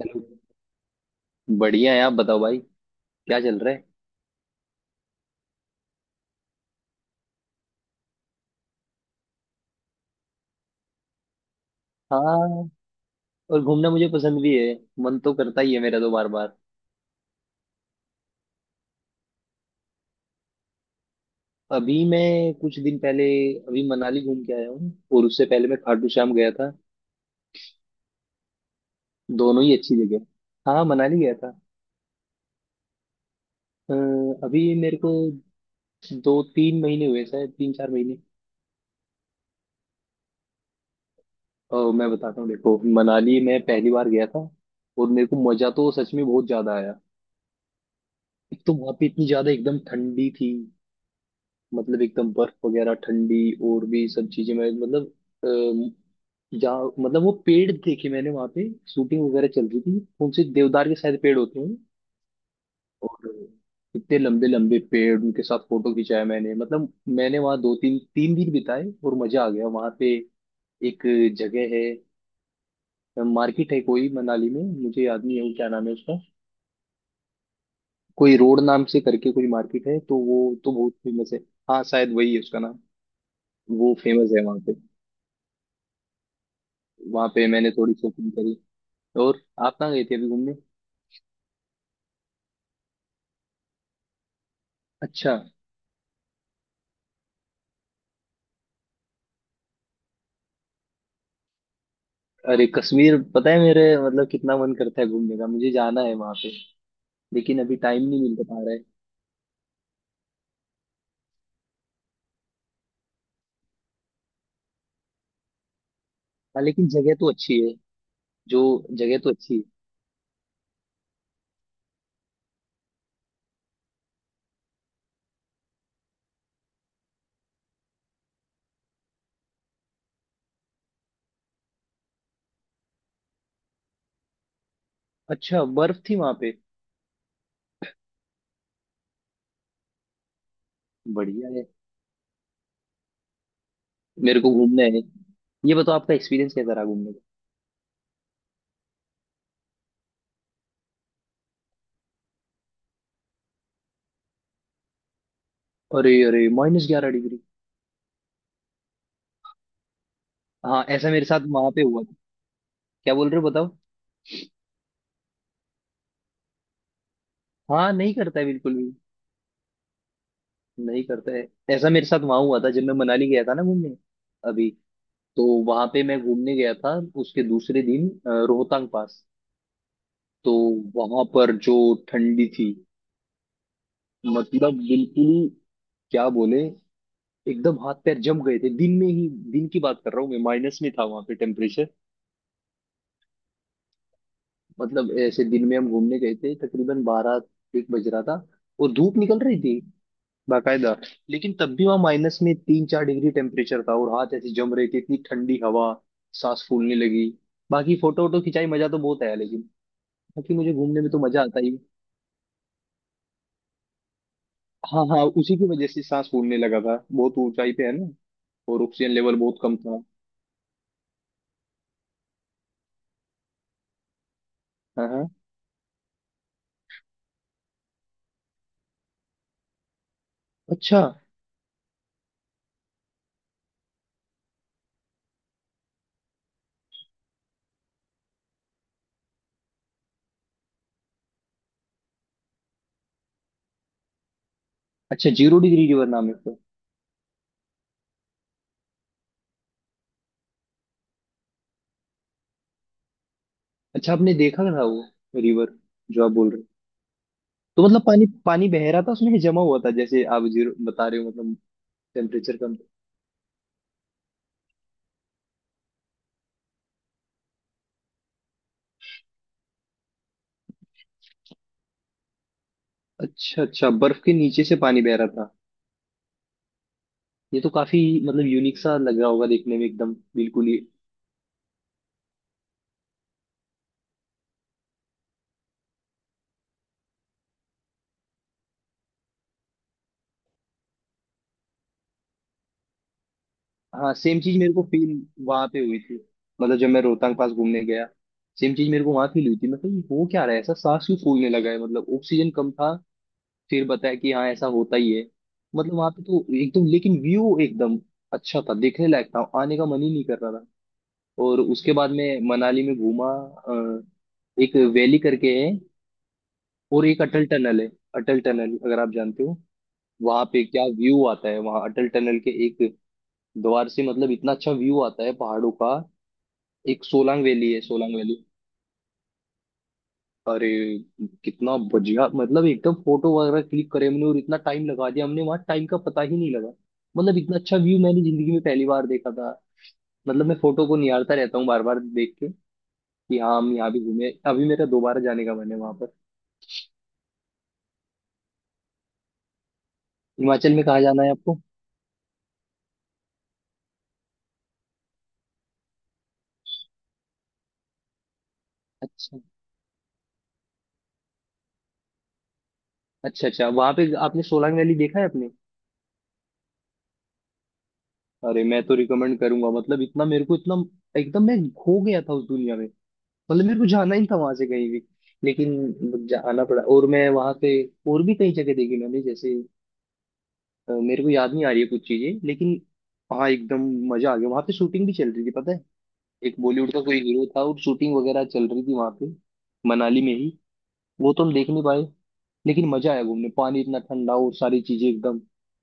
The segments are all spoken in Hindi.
चलो। बढ़िया है, आप बताओ भाई, क्या चल रहा है? हाँ, और घूमना मुझे पसंद भी है। मन तो करता ही है मेरा तो बार बार। अभी मैं कुछ दिन पहले, अभी मनाली घूम के आया हूँ। और उससे पहले मैं खाटू श्याम गया था। दोनों ही अच्छी जगह। हाँ मनाली गया था। अ, अभी मेरे को 2 3 महीने हुए, शायद 3 4 महीने। और मैं बताता हूँ देखो, मनाली मैं पहली बार गया था और मेरे को मजा तो सच में बहुत ज्यादा आया। एक तो वहाँ पे इतनी ज्यादा एकदम ठंडी थी, मतलब एकदम बर्फ वगैरह ठंडी। और भी सब चीजें, मैं मतलब जहाँ मतलब वो पेड़ देखे मैंने, वहां पे शूटिंग वगैरह चल रही थी, कौन से देवदार के शायद पेड़ होते हैं। और इतने लंबे लंबे पेड़, उनके साथ फोटो खिंचाया मैंने, मतलब मैंने वहाँ 2 3 तीन दिन बिताए और मजा आ गया वहां पे। एक जगह है, मार्केट है कोई मनाली में, मुझे याद नहीं है वो क्या नाम है उसका। कोई रोड नाम से करके कोई मार्केट है, तो वो तो बहुत फेमस है। हाँ शायद वही है उसका नाम। वो फेमस है वहां पे। वहां पे मैंने थोड़ी शॉपिंग करी। और आप कहाँ गए थे अभी घूमने? अच्छा। अरे कश्मीर, पता है मेरे मतलब कितना मन करता है घूमने का, मुझे जाना है वहां पे। लेकिन अभी टाइम नहीं मिल पा रहा है। हाँ लेकिन जगह तो अच्छी है। जो जगह तो अच्छी है। अच्छा बर्फ थी वहां पे? बढ़िया है। मेरे को घूमना है। ये बताओ आपका एक्सपीरियंस कैसा रहा घूमने का? अरे अरे, -11 डिग्री! हाँ ऐसा मेरे साथ वहां पे हुआ था। क्या बोल रहे हो बताओ। हाँ नहीं करता है बिल्कुल भी। नहीं करता है। ऐसा मेरे साथ वहां हुआ था जब मैं मनाली गया था ना घूमने, अभी। तो वहां पे मैं घूमने गया था, उसके दूसरे दिन रोहतांग पास। तो वहां पर जो ठंडी थी, मतलब बिल्कुल ही क्या बोले, एकदम हाथ पैर जम गए थे दिन में ही, दिन की बात कर रहा हूँ मैं, माइनस में था वहां पे टेम्परेचर। मतलब ऐसे दिन में हम घूमने गए थे, तकरीबन 12 1 बज रहा था और धूप निकल रही थी बाकायदा, लेकिन तब भी वहां माइनस में 3 4 डिग्री टेम्परेचर था और हाथ ऐसे जम रहे थे, इतनी ठंडी हवा। सांस फूलने लगी। बाकी फोटो वोटो खिंचाई, मजा तो बहुत आया, लेकिन क्योंकि मुझे घूमने में तो मजा आता ही है। हाँ हाँ, उसी की वजह से सांस फूलने लगा था, बहुत ऊंचाई पे है ना। और ऑक्सीजन लेवल बहुत कम था। हाँ हाँ। अच्छा अच्छा, जीरो डिग्री रिवर नाम है उसका? अच्छा आपने देखा था वो रिवर, जो आप बोल रहे हो? तो मतलब पानी पानी बह रहा था उसमें, जमा हुआ था, जैसे आप जीरो बता रहे हो, मतलब टेम्परेचर कम था। अच्छा अच्छा, बर्फ के नीचे से पानी बह रहा था। ये तो काफी मतलब यूनिक सा लग रहा होगा देखने में एकदम बिल्कुल ही। हाँ सेम चीज मेरे को फील वहां पे हुई थी, मतलब जब मैं रोहतांग पास घूमने गया। सेम चीज मेरे को वहां फील हुई थी। मैं कहा, ये हो क्या रहा है, ऐसा सांस क्यों फूलने लगा है, मतलब ऑक्सीजन कम था। फिर बताया कि हाँ ऐसा होता ही है। मतलब वहां पे तो एकदम, लेकिन व्यू एकदम अच्छा था, देखने लायक था, आने का मन ही नहीं कर रहा था। और उसके बाद मैं मनाली में घूमा। अ, एक वैली करके है, और एक अटल टनल है। अटल टनल अगर आप जानते हो, वहां पे क्या व्यू आता है, वहां अटल टनल के एक द्वार से, मतलब इतना अच्छा व्यू आता है पहाड़ों का। एक सोलांग वैली है, सोलांग वैली। अरे कितना बढ़िया, मतलब एकदम फोटो वगैरह क्लिक करे हमने और इतना टाइम लगा दिया हमने, वहां टाइम का पता ही नहीं लगा। मतलब इतना अच्छा व्यू मैंने जिंदगी में पहली बार देखा था। मतलब मैं फोटो को निहारता रहता हूँ बार बार देख के, कि हाँ हम यहाँ भी घूमे। अभी मेरा दोबारा जाने का मन है वहां पर। हिमाचल में कहाँ जाना है आपको? अच्छा अच्छा। अच्छा वहां पे आपने सोलांग वैली देखा है आपने? अरे मैं तो रिकमेंड करूंगा, मतलब इतना मेरे को, इतना एकदम, मैं खो गया था उस दुनिया में, मतलब मेरे को जाना ही नहीं था वहां से कहीं भी, लेकिन जाना पड़ा। और मैं वहां पे और भी कई जगह देखी मैंने, जैसे मेरे को याद नहीं आ रही है कुछ चीजें, लेकिन हाँ एकदम मजा आ गया। वहां पे शूटिंग भी चल रही थी पता है, एक बॉलीवुड का कोई हीरो था और शूटिंग वगैरह चल रही थी वहां पे, मनाली में ही। वो तो हम देख नहीं पाए, लेकिन मजा आया घूमने। पानी इतना ठंडा और सारी चीजें एकदम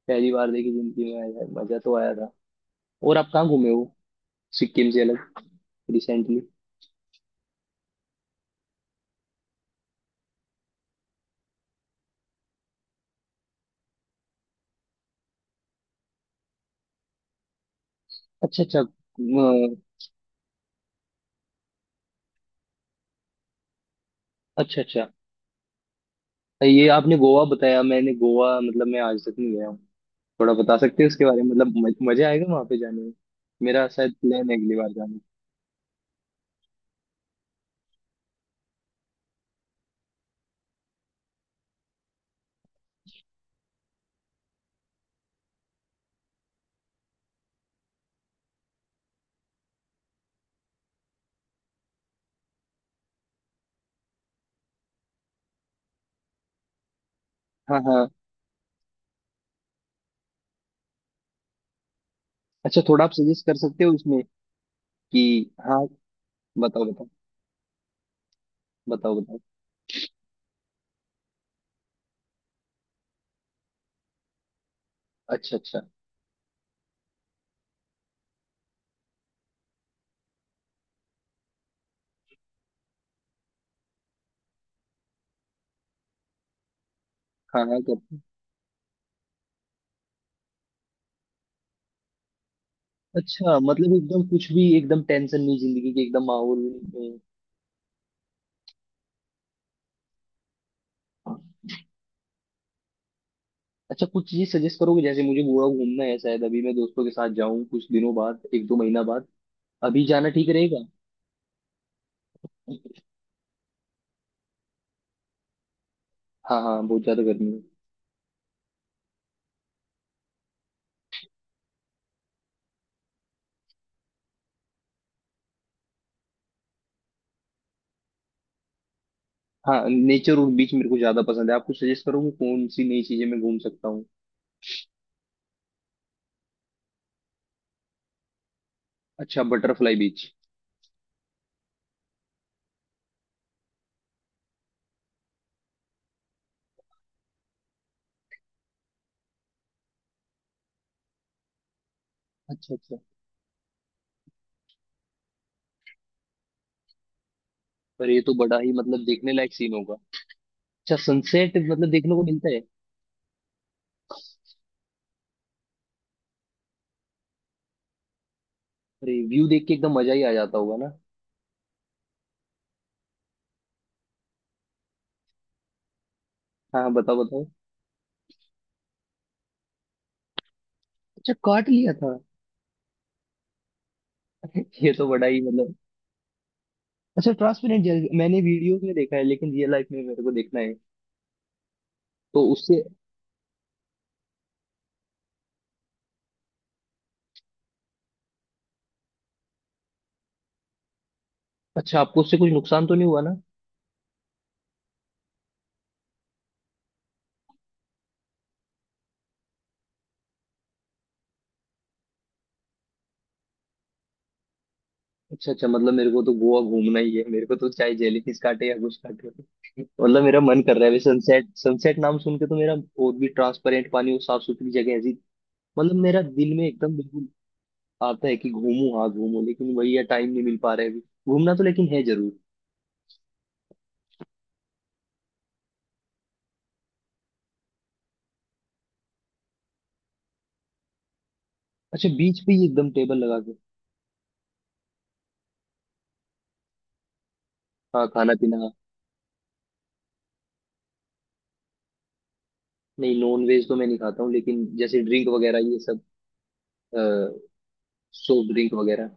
पहली बार देखी जिंदगी में, आया, मजा तो आया था। और आप कहाँ घूमे हो, सिक्किम से अलग, रिसेंटली? अच्छा अच्छा। अच्छा अच्छा, ये आपने गोवा बताया। मैंने गोवा मतलब मैं आज तक नहीं गया हूँ। थोड़ा बता सकते हैं उसके बारे में, मतलब मजा आएगा वहां पे जाने में? मेरा शायद प्लान है अगली बार जाने का। हाँ हाँ। अच्छा थोड़ा आप सजेस्ट कर सकते हो उसमें कि, हाँ, बताओ बताओ। बताओ बताओ। अच्छा अच्छा। हाँ हाँ करते हैं। अच्छा मतलब एकदम कुछ भी एकदम टेंशन नहीं, जिंदगी के एकदम माहौल में। अच्छा कुछ चीज सजेस्ट करोगे, जैसे मुझे गोवा घूमना है, शायद अभी मैं दोस्तों के साथ जाऊं कुछ दिनों बाद, 1 2 महीना बाद। अभी जाना ठीक रहेगा? हाँ हाँ बहुत ज्यादा गर्मी है। हाँ नेचर और बीच मेरे को ज्यादा पसंद है। आपको सजेस्ट करोगे कौन सी नई चीजें मैं घूम सकता हूँ? अच्छा बटरफ्लाई बीच। अच्छा अच्छा। पर ये तो बड़ा ही मतलब देखने लायक सीन होगा। अच्छा सनसेट मतलब देखने को मिलता है? अरे व्यू देख के एकदम मजा ही आ जाता होगा ना। हाँ हाँ, बताओ बताओ। अच्छा काट लिया था? ये तो बड़ा ही मतलब। अच्छा ट्रांसपेरेंट जेल मैंने वीडियोस में देखा है, लेकिन रियल लाइफ में मेरे को देखना है। तो उससे, अच्छा आपको उससे कुछ नुकसान तो नहीं हुआ ना? अच्छा अच्छा, मतलब मेरे को तो गोवा घूमना ही है, मेरे को तो चाहे जेलीफिश काटे या कुछ काटे। मतलब मेरा मन कर रहा है अभी। सनसेट सनसेट नाम सुन के तो मेरा, और भी ट्रांसपेरेंट पानी और साफ सुथरी जगह ऐसी, मतलब मेरा दिल में एकदम बिल्कुल आता है कि घूमू, हाँ घूमू, लेकिन वही है, टाइम नहीं मिल पा रहा है अभी। घूमना तो लेकिन है जरूर। अच्छा बीच पे ही एकदम टेबल लगा के? हाँ खाना पीना हाँ। नहीं, नॉन वेज तो मैं नहीं खाता हूँ, लेकिन जैसे ड्रिंक वगैरह ये सब, सॉफ्ट ड्रिंक वगैरह।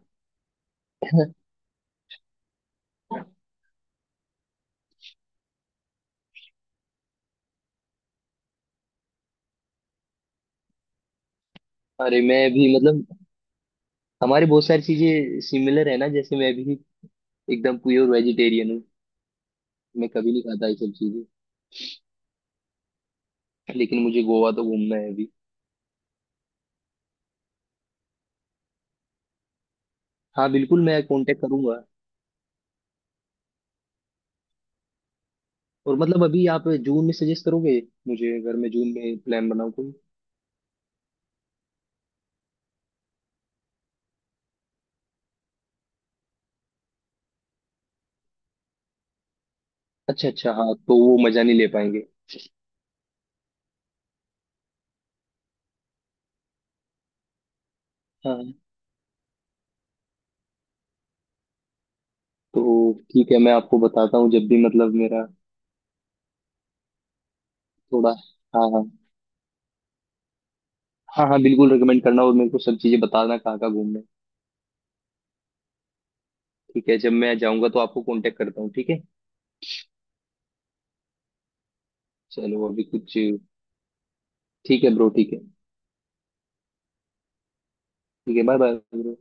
अरे मैं भी मतलब, हमारे बहुत सारी चीजें सिमिलर है ना, जैसे मैं भी एकदम प्योर वेजिटेरियन हूँ। मैं कभी नहीं खाता ये सब चीजें। लेकिन मुझे गोवा तो घूमना है अभी। हाँ बिल्कुल मैं कांटेक्ट करूंगा। और मतलब अभी आप जून में सजेस्ट करोगे, मुझे अगर मैं जून में प्लान बनाऊँ कोई? अच्छा अच्छा, हाँ तो वो मजा नहीं ले पाएंगे। हाँ, तो ठीक है मैं आपको बताता हूँ जब भी, मतलब मेरा थोड़ा, हाँ हाँ। हाँ हाँ बिल्कुल रिकमेंड करना और मेरे को सब चीजें बताना कहाँ कहाँ घूमना है। ठीक है जब मैं जाऊँगा तो आपको कांटेक्ट करता हूँ ठीक है? चलो अभी कुछ, ठीक है ब्रो, ठीक है। ठीक है बाय बाय ब्रो।